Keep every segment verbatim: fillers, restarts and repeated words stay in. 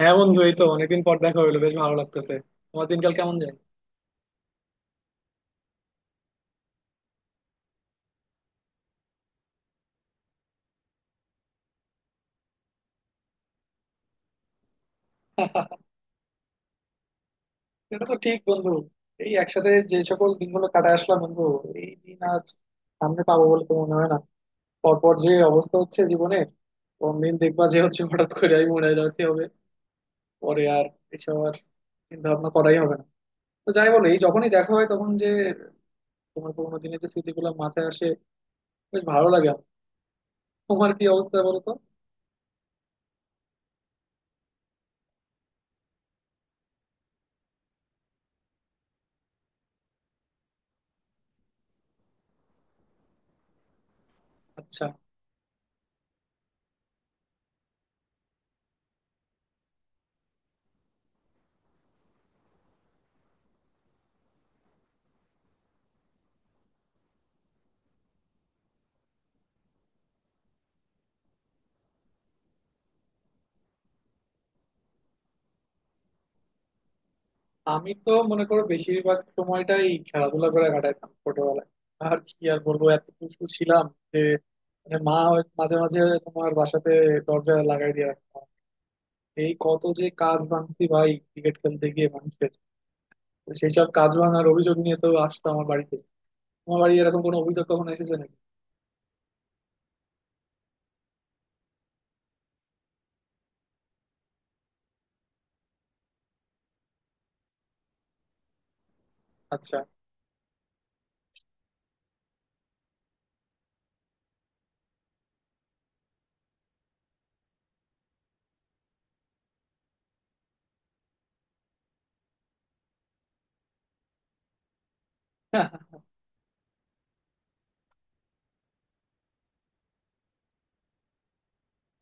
হ্যাঁ বন্ধু, এই তো অনেকদিন পর দেখা হইলো, বেশ ভালো লাগতেছে। তোমার দিনকাল কেমন যায়? এটা তো ঠিক বন্ধু। এই একসাথে যে সকল দিনগুলো কাটায় আসলাম বন্ধু, এই দিন আর সামনে পাবো বলে তো মনে হয় না। পরপর যে অবস্থা হচ্ছে জীবনে, কোন দিন দেখবা যে হচ্ছে হঠাৎ করে আমি মরে যেতে হবে, পরে আর এসব আর চিন্তা ভাবনা করাই হবে না। তো যাই বলো, এই যখনই দেখা হয় তখন যে তোমার পুরোনো দিনের যে স্মৃতিগুলো মাথায় আসে, বেশ ভালো লাগে আমার। তোমার কি অবস্থা বলো তো? আচ্ছা। আমি তো মনে করো বেশিরভাগ সময়টাই খেলাধুলা করে কাটাইতাম ছোটবেলায়। আর কি আর বলবো, এত দুষ্টু ছিলাম যে মানে মা হয়- মাঝে মাঝে তোমার বাসাতে দরজা লাগাই দিয়ে রাখতাম। এই কত যে কাজ ভাঙছি ভাই ক্রিকেট খেলতে গিয়ে মানুষের। তো সেই সব কাজ ভাঙার অভিযোগ নিয়ে তো আসতো আমার বাড়িতে। তোমার বাড়ি এরকম কোনো অভিযোগ কখনো এসেছে নাকি? আচ্ছা,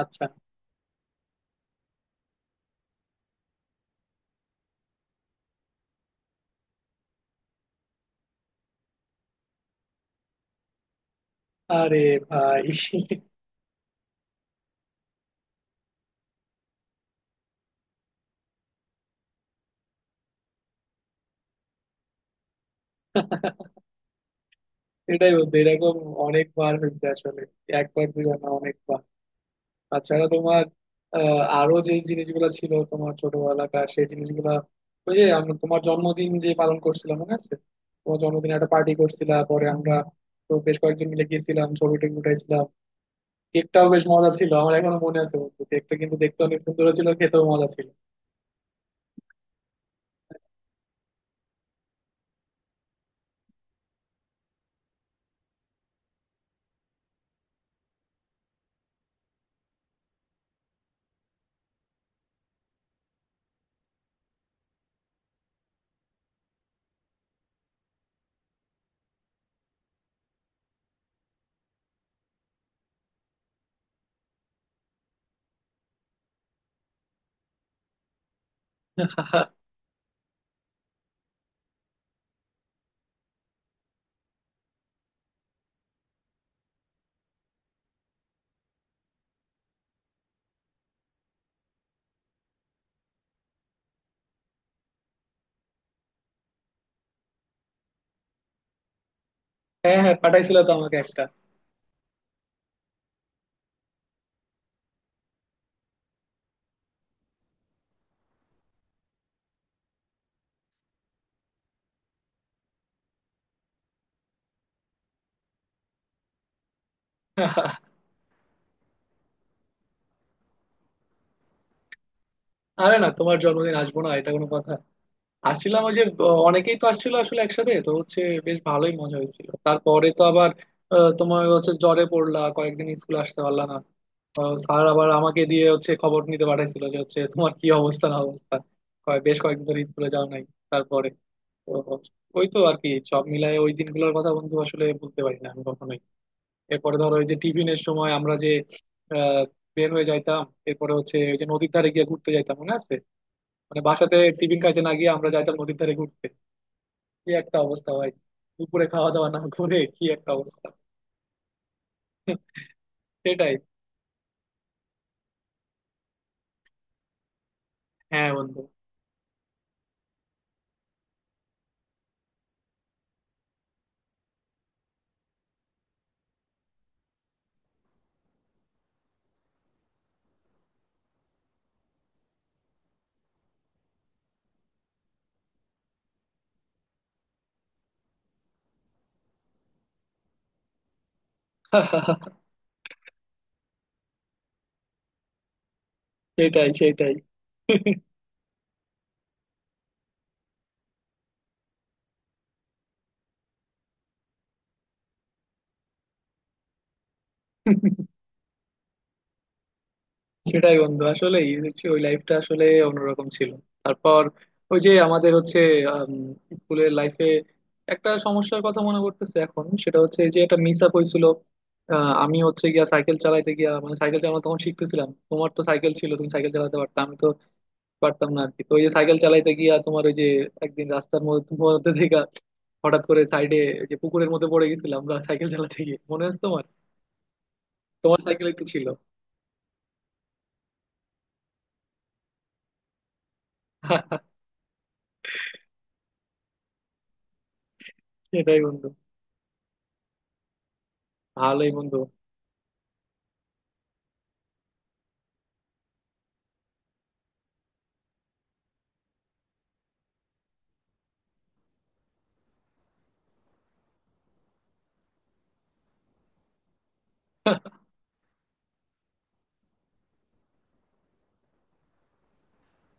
আচ্ছা, আরে ভাই এটাই বলতে, এরকম অনেকবার হয়েছে আসলে, একবার দুইবার না, অনেকবার। তাছাড়া তোমার আহ, আরো যে জিনিসগুলো ছিল তোমার ছোটবেলাকার সেই জিনিসগুলা, ওই যে আমরা তোমার জন্মদিন যে পালন করছিলাম মনে আছে? তোমার জন্মদিনে একটা পার্টি করছিলাম পরে আমরা, তো বেশ কয়েকজন মিলে গেছিলাম, ছবি টবি উঠাইছিলাম। কেকটাও বেশ মজা ছিল, আমার এখনো মনে আছে বন্ধু, কেকটা কিন্তু দেখতে অনেক সুন্দর ছিল, খেতেও মজা ছিল। হ্যাঁ হ্যাঁ, পাঠাইছিল তো আমাকে একটা। আরে না, তোমার জন্মদিন আসবো না এটা কোনো কথা! আসছিলাম, ওই যে ব- অনেকেই তো আসছিল আসলে, একসাথে তো হচ্ছে, বেশ ভালোই মজা হয়েছিল। তারপরে তো আবার আহ, তোমার হচ্ছে জ্বরে পড়লা, কয়েকদিন স্কুল আসতে পারলা না। আহ, স্যার আবার আমাকে দিয়ে হচ্ছে খবর নিতে পাঠাইছিল, যে হচ্ছে তোমার কি অবস্থা না অবস্থা, কয়- বেশ কয়েকদিন ধরে স্কুলে যাও নাই। তারপরে তো ওই তো আর কি, সব মিলায় ওই দিনগুলোর কথা বন্ধু আসলে বলতে পারি না আমি কখনোই। এরপরে ধরো ওই যে টিফিনের সময় আমরা যে আহ, বের হয়ে যাইতাম, এরপরে হচ্ছে ওই যে নদীর ধারে গিয়ে ঘুরতে যাইতাম মনে আছে? মানে বাসাতে টিফিন খাইতে না গিয়ে আমরা যাইতাম নদীর ধারে ঘুরতে। কি একটা অবস্থা ভাই! দুপুরে খাওয়া দাওয়া না করে কি একটা অবস্থা। সেটাই। হ্যাঁ বন্ধু। সেটাই, সেটাই। সেটাই বন্ধু, আসলে ওই লাইফটা আসলে অন্যরকম ছিল। তারপর ওই যে আমাদের হচ্ছে স্কুলের লাইফে একটা সমস্যার কথা মনে করতেছে এখন, সেটা হচ্ছে যে একটা মিস আপ হয়েছিল। আহ, আমি হচ্ছে গিয়া সাইকেল চালাইতে গিয়া, মানে সাইকেল চালানো তখন শিখতেছিলাম, তোমার তো সাইকেল ছিল, তুমি সাইকেল চালাতে পারতাম, পারতাম না আর কি। তো ওই যে সাইকেল চালাইতে গিয়া তোমার ওই যে একদিন রাস্তার মধ্যে মধ্যে থেকে হঠাৎ করে সাইডে যে পুকুরের মধ্যে পড়ে গেছিলাম আমরা সাইকেল চালাতে গিয়ে, মনে আছে তোমার? তোমার সাইকেলে তো ছিল। সেটাই বন্ধু, ভালোই বন্ধু।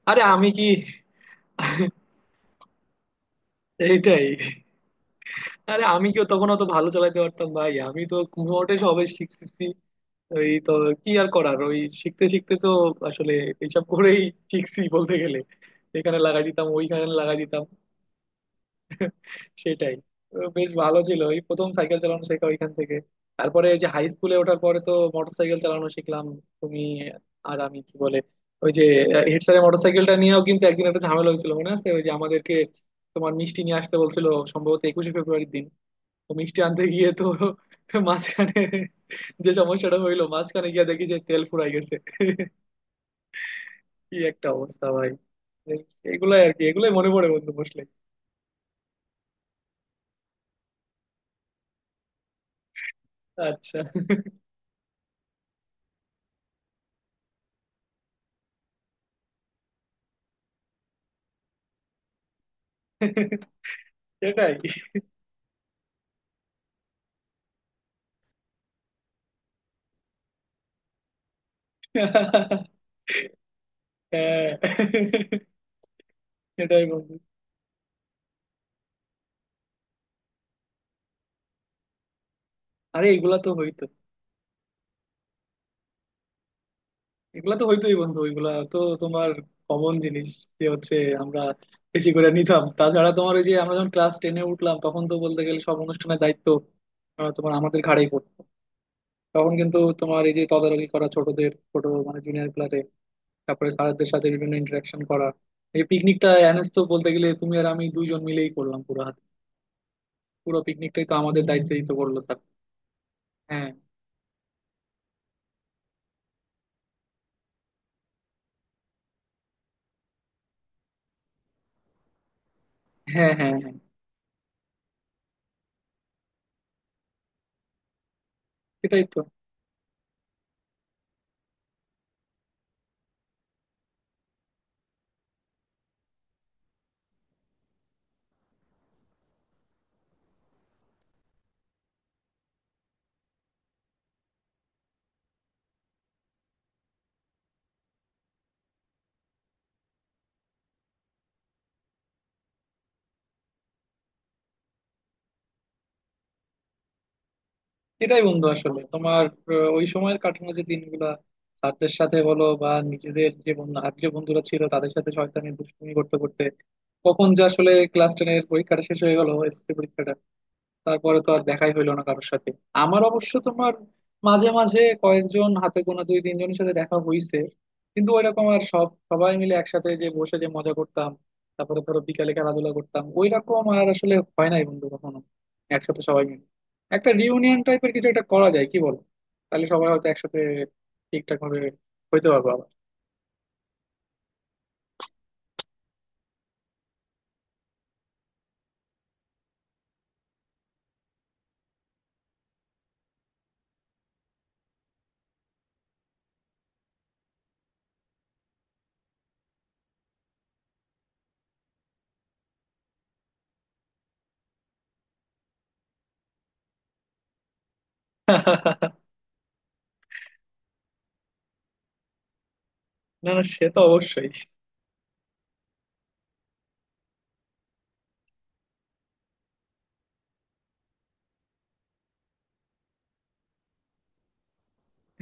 আরে আমি কি, এইটাই! আরে আমি কিও তখন অত ভালো চালাতে পারতাম ভাই, আমি তো মোটে সবে শিখতেছি। ওই তো কি আর করার, ওই শিখতে শিখতে তো আসলে এইসব করেই শিখছি বলতে গেলে, এখানে লাগাই দিতাম ওইখানে লাগাই দিতাম। সেটাই। তো বেশ ভালো ছিল এই প্রথম সাইকেল চালানো শেখা ওইখান থেকে। তারপরে এই যে হাই স্কুলে ওঠার পরে তো মোটর সাইকেল চালানো শিখলাম তুমি আর আমি, কি বলে, ওই যে হেড স্যারের মোটর সাইকেলটা নিয়েও কিন্তু একদিন একটা ঝামেলা হয়েছিল মনে আছে? ওই যে আমাদেরকে তোমার মিষ্টি নিয়ে আসতে বলছিল, সম্ভবত একুশে ফেব্রুয়ারির দিন। তো মিষ্টি আনতে গিয়ে তো মাঝখানে যে সমস্যাটা হইলো, মাঝখানে গিয়ে দেখি যে তেল ফুরাই গেছে। কি একটা অবস্থা ভাই! এই- এগুলাই আর কি, এগুলাই মনে পড়ে বন্ধু বসলে। আচ্ছা। সেটাই। হ্যাঁ। সেটাই বন্ধু। আরে এগুলা তো হইতো, এগুলা তো হইতোই বন্ধু, ওইগুলা তো তোমার কমন জিনিস, যে হচ্ছে আমরা বেশি করে নিতাম। তাছাড়া তোমার ওই যে আমরা যখন ক্লাস টেনে উঠলাম তখন তো বলতে গেলে সব অনুষ্ঠানের দায়িত্ব আহ, তোমার আমাদের ঘাড়েই পড়তো। তখন কিন্তু তোমার এই যে তদারকি করা ছোটদের, ছোট মানে জুনিয়র ক্লাসে, তারপরে স্যারদের সাথে বিভিন্ন ইন্টারাকশন করা, এই পিকনিকটা অ্যানেস তো বলতে গেলে তুমি আর আমি দুইজন মিলেই করলাম পুরো হাতে, পুরো পিকনিকটাই তো আমাদের দায়িত্বেই তো করলো তার। হ্যাঁ হ্যাঁ হ্যাঁ, হ্যাঁ। সেটাই তো, সেটাই বন্ধু আসলে তোমার আহ, ওই সময়ের কাটানো যে দিনগুলা, স্যারদের সাথে বলো বা নিজেদের যে বন্ধু, আর যে বন্ধুরা ছিল তাদের সাথে শয়তানি দুষ্টুমি করতে করতে কখন যে আসলে ক্লাস টেনের পরীক্ষাটা শেষ হয়ে গেল, এসএসসি পরীক্ষাটা, তারপরে তো আর দেখাই হইলো না কারোর সাথে। আমার অবশ্য তোমার মাঝে মাঝে কয়েকজন হাতে গোনা দুই তিনজনের সাথে দেখা হইছে, কিন্তু ওইরকম আর সব সবাই মিলে একসাথে যে বসে যে মজা করতাম, তারপরে ধরো বিকালে খেলাধুলা করতাম ওইরকম আর আসলে হয় নাই বন্ধু কখনো। একসাথে সবাই মিলে একটা রিউনিয়ন টাইপের কিছু একটা করা যায় কি, বল? তাহলে সবাই হয়তো একসাথে ঠিকঠাক ভাবে হইতে পারবো আবার। না না, সে তো অবশ্যই।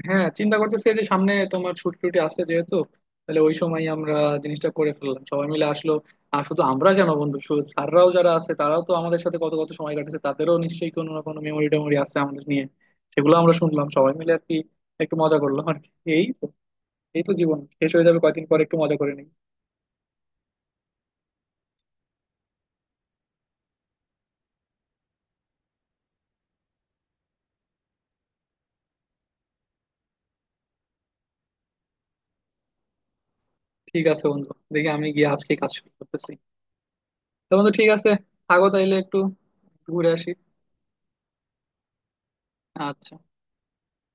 হ্যাঁ, চিন্তা করতেছি এই যে সামনে তোমার ছুটি টুটি আছে যেহেতু, তাহলে ওই সময় আমরা জিনিসটা করে ফেললাম, সবাই মিলে আসলো। আর শুধু আমরা কেন বন্ধু, শু- স্যাররাও যারা আছে তারাও তো আমাদের সাথে কত কত সময় কাটেছে, তাদেরও নিশ্চয়ই কোনো না কোনো মেমোরি টেমোরি আছে আমাদের নিয়ে, সেগুলো আমরা শুনলাম সবাই মিলে আর কি, একটু মজা করলাম আর কি। এই তো, এই তো জীবন শেষ হয়ে যাবে কয়েকদিন পর, একটু মজা করে নিই। ঠিক আছে বন্ধু, দেখি আমি গিয়ে আজকে কাজ শুরু করতেছি। তো বন্ধু ঠিক আছে, থাকো তাইলে, একটু ঘুরে আসি। আচ্ছা।